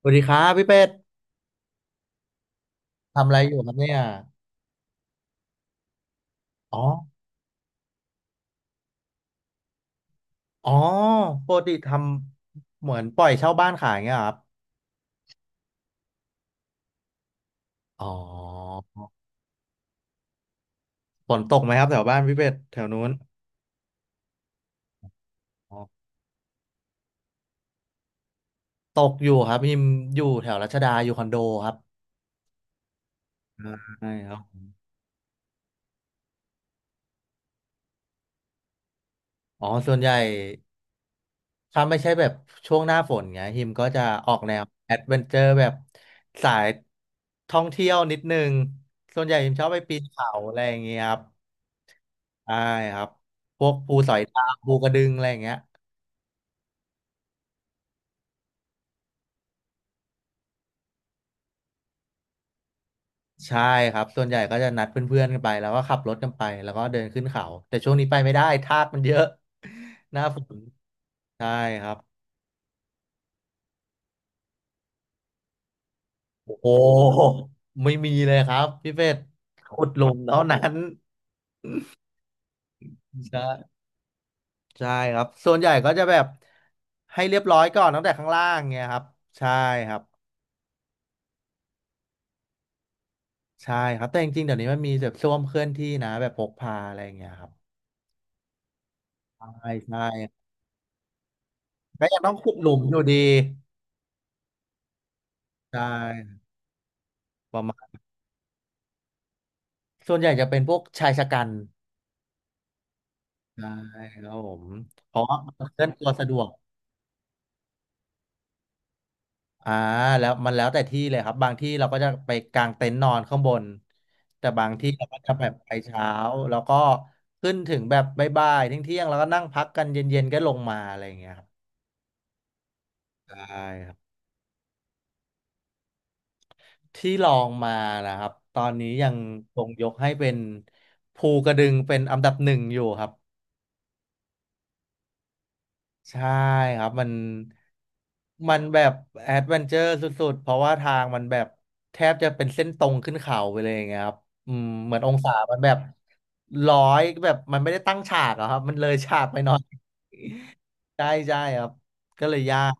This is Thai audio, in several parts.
สวัสดีครับพี่เป็ดทำอะไรอยู่ครับเนี่ยอ๋ออ๋อปกติทำเหมือนปล่อยเช่าบ้านขายเงี้ยเหรอครับอ๋อฝนตกไหมครับแถวบ้านพี่เป็ดแถวนู้นอ๋อตกอยู่ครับพิมอยู่แถวรัชดาอยู่คอนโดครับใช่ครับอ๋อส่วนใหญ่ถ้าไม่ใช่แบบช่วงหน้าฝนเงี้ยฮิมก็จะออกแนวแอดเวนเจอร์แบบสายท่องเที่ยวนิดนึงส่วนใหญ่ฮิมชอบไปปีนเขาอะไรอย่างเงี้ยครับใช่ครับพวกภูสอยดาวภูกระดึงอะไรอย่างเงี้ย ใช่ครับส่วนใหญ่ก็จะนัดเพื่อนๆกันไปแล้วก็ขับรถกันไปแล้วก็เดินขึ้นเขาแต่ช่วงนี้ไปไม่ได้ทากมันเยอะ หน้าฝนใช่ครับโอ้โหไม่มีเลยครับพี่เป็ดขุดหลุมเท่านั้นใช่ใช่ครับส่วนใหญ่ก็จะแบบให้เรียบร้อยก่อนตั้งแต่ข้างล่างเงี้ยครับใช่ครับใช่ครับแต่จริงๆเดี๋ยวนี้มันมีแบบส้วมเคลื่อนที่นะแบบพกพาอะไรอย่างเงี้ยครับใช่ใช่ก็ยังต้องขุดหลุมอยู่ดีใช่ ส่วนใหญ่จะเป็นพวกชายชะกันใช่ครับผมเพราะว่ามันเคลื่อนตัวสะดวกอ่าแล้วแต่ที่เลยครับบางที่เราก็จะไปกางเต็นท์นอนข้างบนแต่บางที่เราก็จะแบบไปเช้าแล้วก็ขึ้นถึงแบบบ่ายๆเที่ยงๆแล้วก็นั่งพักกันเย็นๆก็ลงมาอะไรอย่างเงี้ยครับใช่ครับที่ลองมานะครับตอนนี้ยังคงยกให้เป็นภูกระดึงเป็นอันดับหนึ่งอยู่ครับ ใช่ครับมันแบบแอดเวนเจอร์สุดๆเพราะว่าทางมันแบบแทบจะเป็นเส้นตรงขึ้นเขาไปเลยอย่างเงี้ยครับเหมือนองศามันแบบร้อยแบบมันไม่ได้ตั้งฉากอะครับมันเลยฉากไปหน่อย ใช่ใช่ครับก็เลยยาก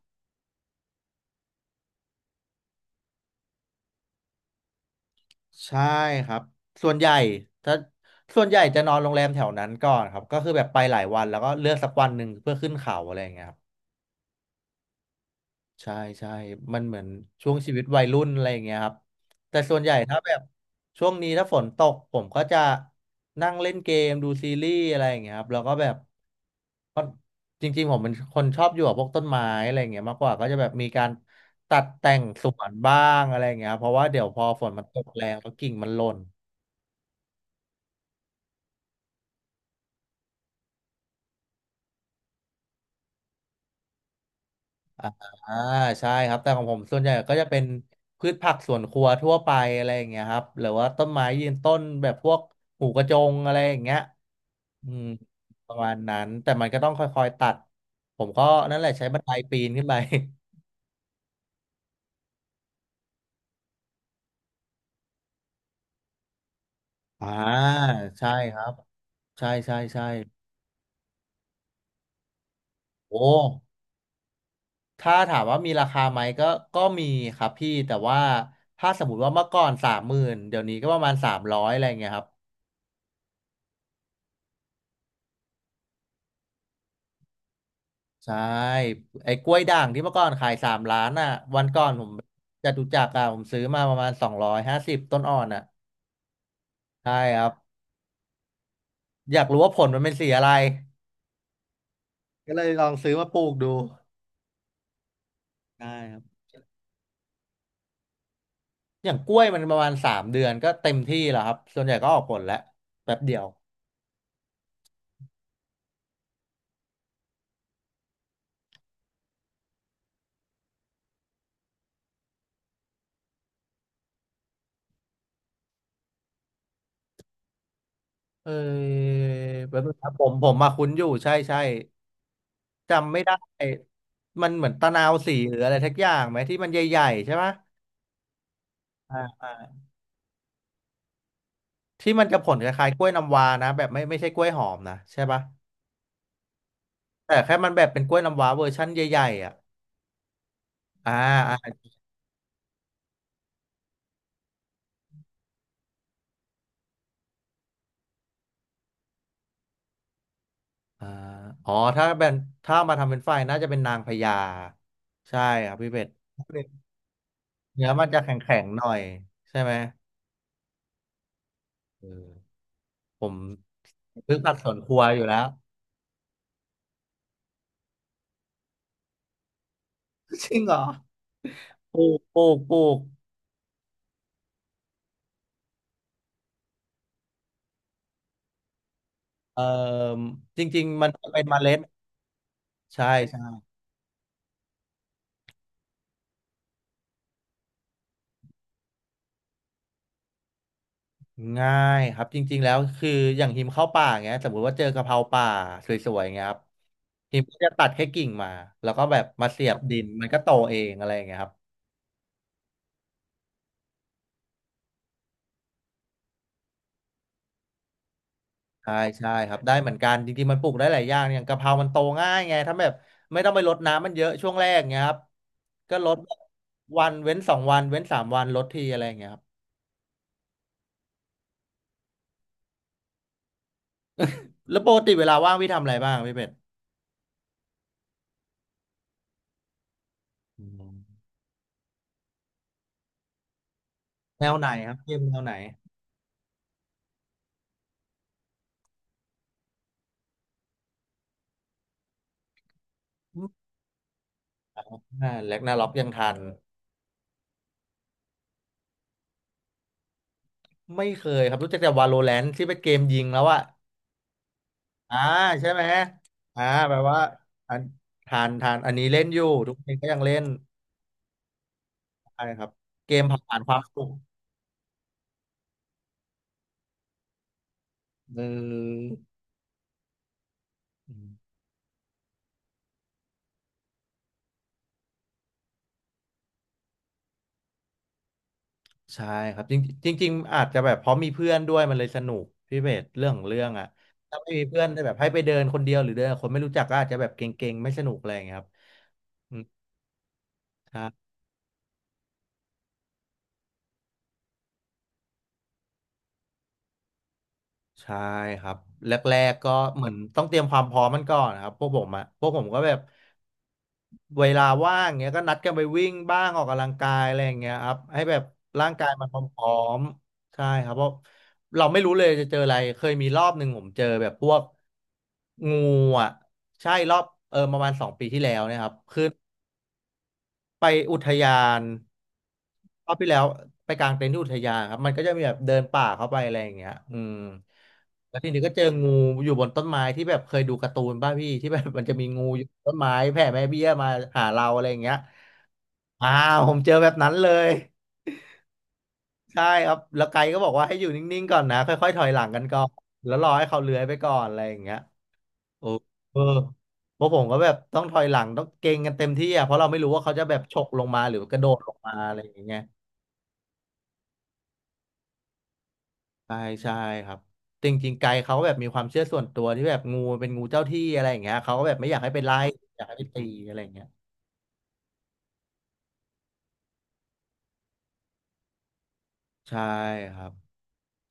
ใช่ครับส่วนใหญ่ถ้าส่วนใหญ่จะนอนโรงแรมแถวนั้นก่อนครับก็คือแบบไปหลายวันแล้วก็เลือกสักวันหนึ่งเพื่อขึ้นเขาอะไรอย่างเงี้ยครับ ใช่ใช่ มันเหมือนช่วงชีวิตวัยรุ่นอะไรอย่างเงี้ยครับแต่ส่วนใหญ่ถ้าแบบช่วงนี้ถ้าฝนตกผมก็จะนั่งเล่นเกมดูซีรีส์อะไรอย่างเงี้ยครับแล้วก็แบบก็จริงๆผมเป็นคนชอบอยู่กับพวกต้นไม้อะไรอย่างเงี้ยมากกว่าก็จะแบบมีการตัดแต่งสวนบ้างอะไรอย่างเงี้ยครับเพราะว่าเดี๋ยวพอฝนมันตกแรงแล้วกิ่งมันหล่น อ่าใช่ครับแต่ของผมส่วนใหญ่ก็จะเป็นพืชผักสวนครัวทั่วไปอะไรอย่างเงี้ยครับหรือว่าต้นไม้ยืนต้นแบบพวกหมูกระจงอะไรอย่างเงี้ยอืมประมาณนั้นแต่มันก็ต้องค่อยๆตัดผมก็นั่นแหละใช้บันไดปีนขึ้นไป อ่าใช่ครับใช่ใช่ใช่โอ้ถ้าถามว่ามีราคาไหมก็ก็มีครับพี่แต่ว่าถ้าสมมติว่าเมื่อก่อน30,000เดี๋ยวนี้ก็ประมาณ300อะไรเงี้ยครับ ใช่ไอ้กล้วยด่างที่เมื่อก่อนขาย3,000,000อ่ะวันก่อนผมจตุจักรอ่ะผมซื้อมาประมาณ250ต้นอ่อนอ่ะใช่ครับอยากรู้ว่าผลมันเป็นสีอะไรก็เลยลองซื้อมาปลูกดูใช่ครับอย่างกล้วยมันประมาณ3 เดือนก็เต็มที่แล้วครับส่วนใหญ่ก็ออกผลแล้วแป๊บเดียวเออแป๊บนึงครับผมมาคุ้นอยู่ใช่ใช่จำไม่ได้มันเหมือนตะนาวสีหรืออะไรทักอย่างไหมที่มันใหญ่ๆใช่ปะอ่า ที่มันจะผลคล้ายๆกล้วยน้ำว้านะแบบไม่ไม่ใช่กล้วยหอมนะใช่ปะแต่แค่มันแบบเป็นกล้วยน้ำว้าเวอร์ชั่นใหญ่ๆอ่ะอ่าอ่าอ่าอ๋อถ้าเป็นถ้ามาทำเป็นไฟน่าจะเป็นนางพญาใช่ครับพี่เป็ดเนื้อมันจะแข็งๆหน่อยใช่ไหมเออผมซื้อผักสวนครัวอยู่แล้วจริงเหรอปลูกปลูกปลูกเอ่อจริงๆมันจะเป็นเมล็ดใช่ ง่ายครับจริงๆแล้วคืออย่างหิมเข้าป่าเงี้ยสมมติว่าเจอกะเพราป่าสวยๆเงี้ยครับหิมก็จะตัดแค่กิ่งมาแล้วก็แบบมาเสียบดินมันก็โตเองอะไรอย่างเงี้ยครับใช่ใช่ครับได้เหมือนกันจริงๆมันปลูกได้หลายอย่างอย่างกะเพรามันโตง่ายไงถ้าแบบไม่ต้องไปรดน้ำมันเยอะช่วงแรกเงี้ยครับก็รดวันเว้นสองวันเว้นสามวันรดทีอะไรอย่างเงี้ยครับแล้วปกติเวลาว่างพี่ทำอะไรบ้างพี่เป็ดอืมแนวไหนครับเกมแนวไหนอืมอ่าแร็กนาร็อกยังทัน ไม่เคยครับรู้จักแต่ Valorant ที่เป็นเกมยิงแล้วอะอ่าใช่ไหมฮะอ่าแปลว่าอันทานอันนี้เล่นอยู่ทุกคนก็ยังเล่นใช่ครับเกมผ่านความสุขเอออืมใช่ครับจริงจริงๆอาจจะแบบเพราะมีเพื่อนด้วยมันเลยสนุกพี่เบสเรื่องของเรื่องอะถ้าไม่มีเพื่อนได้แบบให้ไปเดินคนเดียวหรือเดินกับคนไม่รู้จักก็อาจจะแบบเก่งๆไม่สนุกอะไรอย่างเงี้ยครับอืมใช่ ใช่ครับแรกๆก็เหมือนต้องเตรียมความพร้อมมันก่อนนะครับพวกผมอะพวกผมก็แบบเวลาว่างเงี้ยก็นัดกันไปวิ่งบ้างออกกำลังกายอะไรอย่างเงี้ยครับให้แบบร่างกายมันพร้อมๆใช่ครับเพราะเราไม่รู้เลยจะเจออะไรเคยมีรอบหนึ่งผมเจอแบบพวกงูอ่ะใช่รอบเออประมาณ2 ปีที่แล้วเนะครับ ไปอุทยานรอบที่แล้วไปกางเต็นท์ที่อุทยานครับมันก็จะมีแบบเดินป่าเข้าไปอะไรอย่างเงี้ยอืมแล้วทีนี้ก็เจองูอยู่บนต้นไม้ที่แบบเคยดูการ์ตูนป่ะพี่ที่แบบมันจะมีงูอยู่บนต้นไม้แผ่แม่เบี้ยมาหาเราอะไรอย่างเงี้ยอ้าวผมเจอแบบนั้นเลยใช่ครับแล้วไกด์ก็บอกว่าให้อยู่นิ่งๆก่อนนะค่อยๆถอยหลังกันก่อนแล้วรอให้เขาเลื้อยไปก่อนอะไรอย่างเงี้ยโอ้เออเพราะผมก็แบบต้องถอยหลังต้องเกรงกันเต็มที่อ่ะเพราะเราไม่รู้ว่าเขาจะแบบฉกลงมาหรือกระโดดลงมาอะไรอย่างเงี้ย ใช่ใช่ครับจริงๆไกด์เขาแบบมีความเชื่อส่วนตัวที่แบบงูมันเป็นงูเจ้าที่อะไรอย่างเงี้ยเขาก็แบบไม่อยากให้ไปไล่อยากให้ไปตีอะไรอย่างเงี้ยใช่ครับ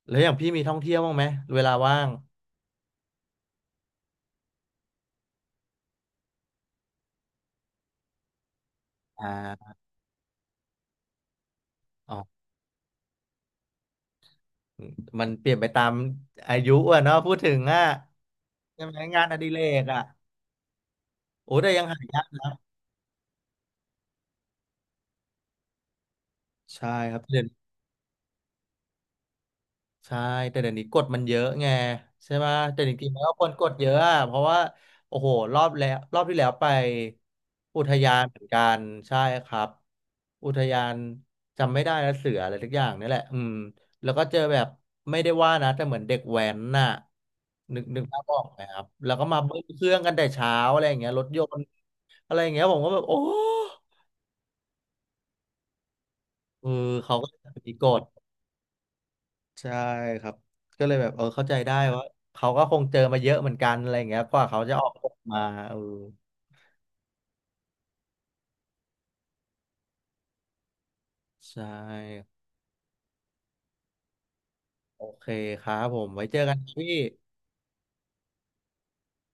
แล้วอย่างพี่มีท่องเที่ยวบ้างไหมเวลาว่างอ่าอ๋อมันเปลี่ยนไปตามอายุอ่ะเนาะพูดถึงอ่ะใช่ไหมงานอดิเรกอ่ะโอ้แต่ยังหายากใช่ครับ ใช่แต่เดี๋ยวนี้กฎมันเยอะไงใช่ไหมแต่จริงๆแล้วคนกดเยอะอะเพราะว่าโอ้โหรอบแล้วรอบที่แล้วไปอุทยานเหมือนกันใช่ครับอุทยานจำไม่ได้แล้วเสืออะไรทุกอย่างนี่แหละอืมแล้วก็เจอแบบไม่ได้ว่านะแต่เหมือนเด็กแว้นน่ะนึกภาพออกไหมครับแล้วก็มาเบิ้ลเครื่องกันแต่เช้าอะไรอย่างเงี้ยรถยนต์อะไรอย่างเงี้ยผมก็แบบโอ้เออเขาก็มีกฎ ใช่ครับก็เลยแบบเออเข้าใจได้ว่าเขาก็คงเจอมาเยอะเหมือนกันอะไรอย่างเงี้ยกว่าเขาจะออกกฎมาเออใช่โอเคครับผมไว้เจอกันครับพี่